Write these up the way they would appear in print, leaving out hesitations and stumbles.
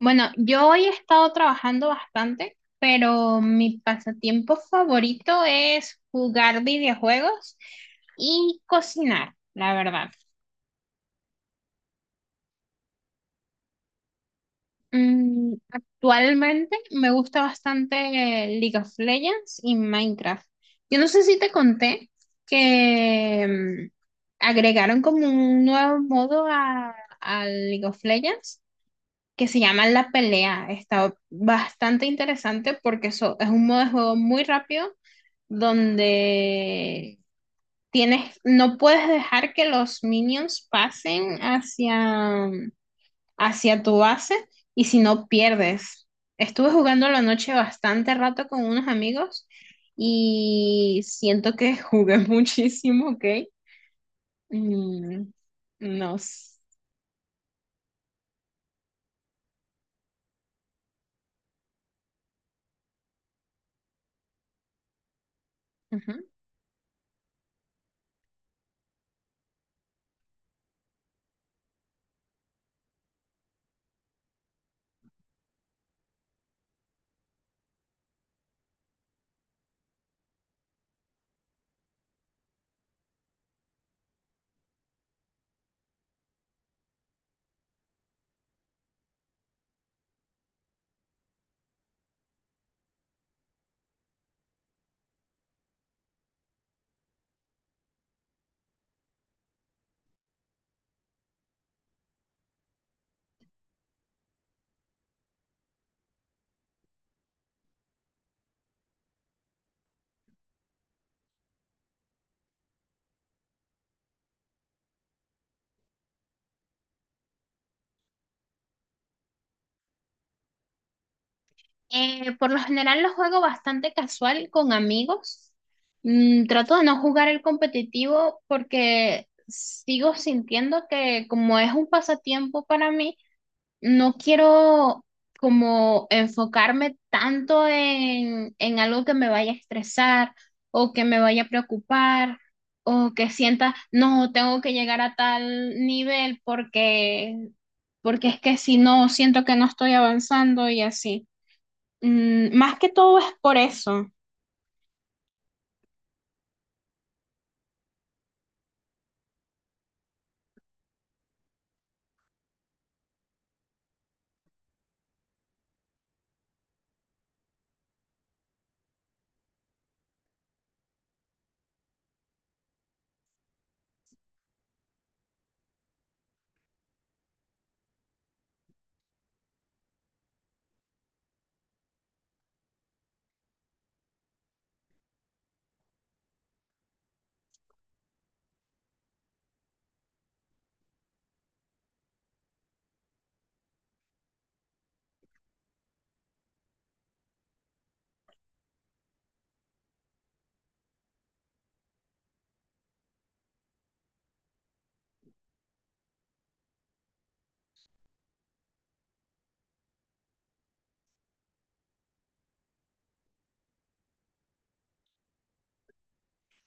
Bueno, yo hoy he estado trabajando bastante, pero mi pasatiempo favorito es jugar videojuegos y cocinar, la verdad. Actualmente me gusta bastante League of Legends y Minecraft. Yo no sé si te conté que agregaron como un nuevo modo a League of Legends que se llama La Pelea. Está bastante interesante porque eso es un modo de juego muy rápido donde tienes, no puedes dejar que los minions pasen hacia tu base y si no pierdes. Estuve jugando la noche bastante rato con unos amigos y siento que jugué muchísimo, ¿ok? Mm, no. sé. Por lo general lo juego bastante casual con amigos. Trato de no jugar el competitivo porque sigo sintiendo que como es un pasatiempo para mí, no quiero como enfocarme tanto en algo que me vaya a estresar o que me vaya a preocupar o que sienta, no, tengo que llegar a tal nivel porque es que si no, siento que no estoy avanzando y así. Más que todo es por eso.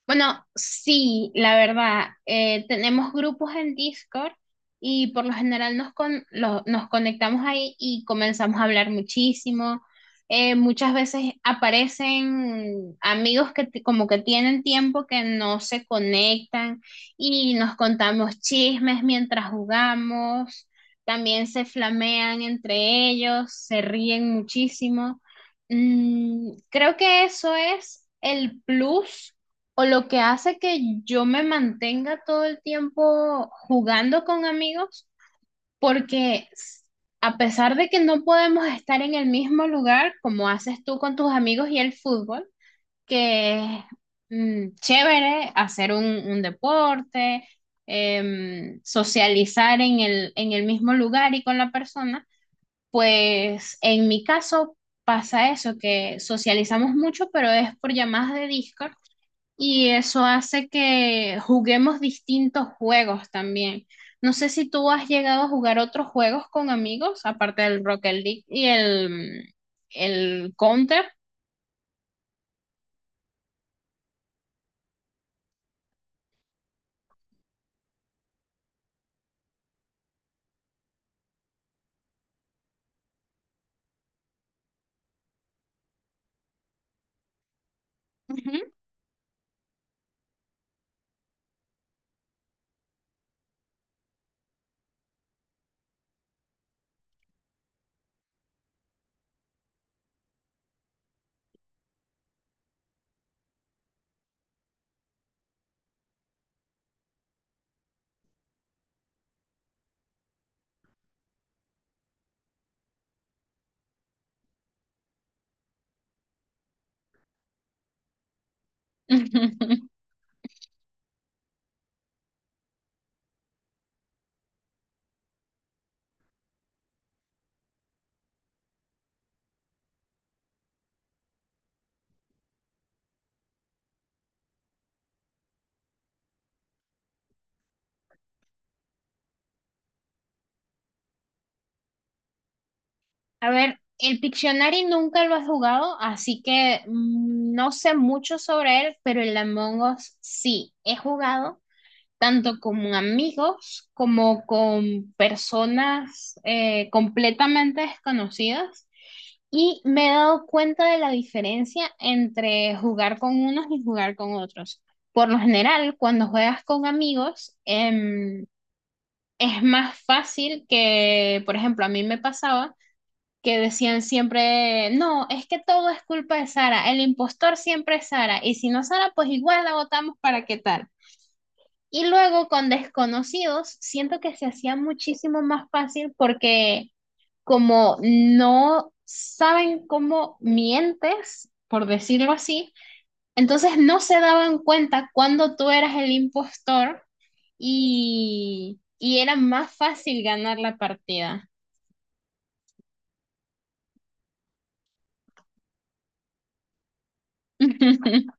Bueno, sí, la verdad, tenemos grupos en Discord y por lo general nos conectamos ahí y comenzamos a hablar muchísimo. Muchas veces aparecen amigos como que tienen tiempo que no se conectan y nos contamos chismes mientras jugamos. También se flamean entre ellos, se ríen muchísimo. Creo que eso es el plus o lo que hace que yo me mantenga todo el tiempo jugando con amigos, porque s- a pesar de que no podemos estar en el mismo lugar, como haces tú con tus amigos y el fútbol, que es chévere hacer un deporte, socializar en el mismo lugar y con la persona, pues en mi caso pasa eso, que socializamos mucho, pero es por llamadas de Discord y eso hace que juguemos distintos juegos también. No sé si tú has llegado a jugar otros juegos con amigos, aparte del Rocket League el Counter. Ujú. A ver, el Pictionary nunca lo has jugado, así que no sé mucho sobre él, pero el Among Us sí he jugado tanto con amigos como con personas completamente desconocidas y me he dado cuenta de la diferencia entre jugar con unos y jugar con otros. Por lo general, cuando juegas con amigos, es más fácil que, por ejemplo, a mí me pasaba que decían siempre, no, es que todo es culpa de Sara, el impostor siempre es Sara, y si no Sara, pues igual la votamos para qué tal. Y luego con desconocidos, siento que se hacía muchísimo más fácil porque como no saben cómo mientes, por decirlo así, entonces no se daban cuenta cuando tú eras el impostor y era más fácil ganar la partida.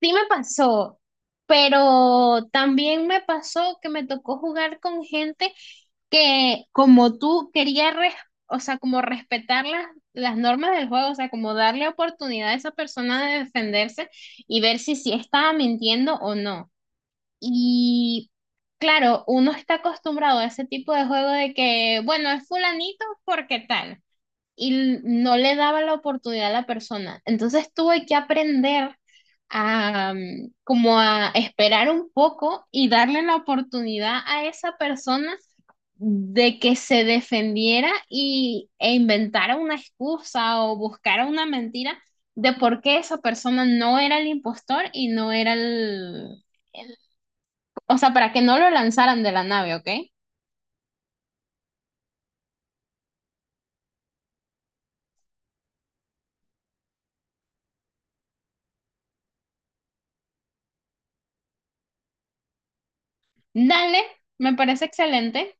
Sí me pasó, pero también me pasó que me tocó jugar con gente que como tú querías, o sea, como respetar las normas del juego, o sea, como darle oportunidad a esa persona de defenderse y ver si sí estaba mintiendo o no. Y claro, uno está acostumbrado a ese tipo de juego de que, bueno, es fulanito porque tal y no le daba la oportunidad a la persona. Entonces tuve que aprender a como a esperar un poco y darle la oportunidad a esa persona de que se defendiera e inventara una excusa o buscara una mentira de por qué esa persona no era el impostor y no era el- o sea, para que no lo lanzaran de la nave, ¿ok? Dale, me parece excelente.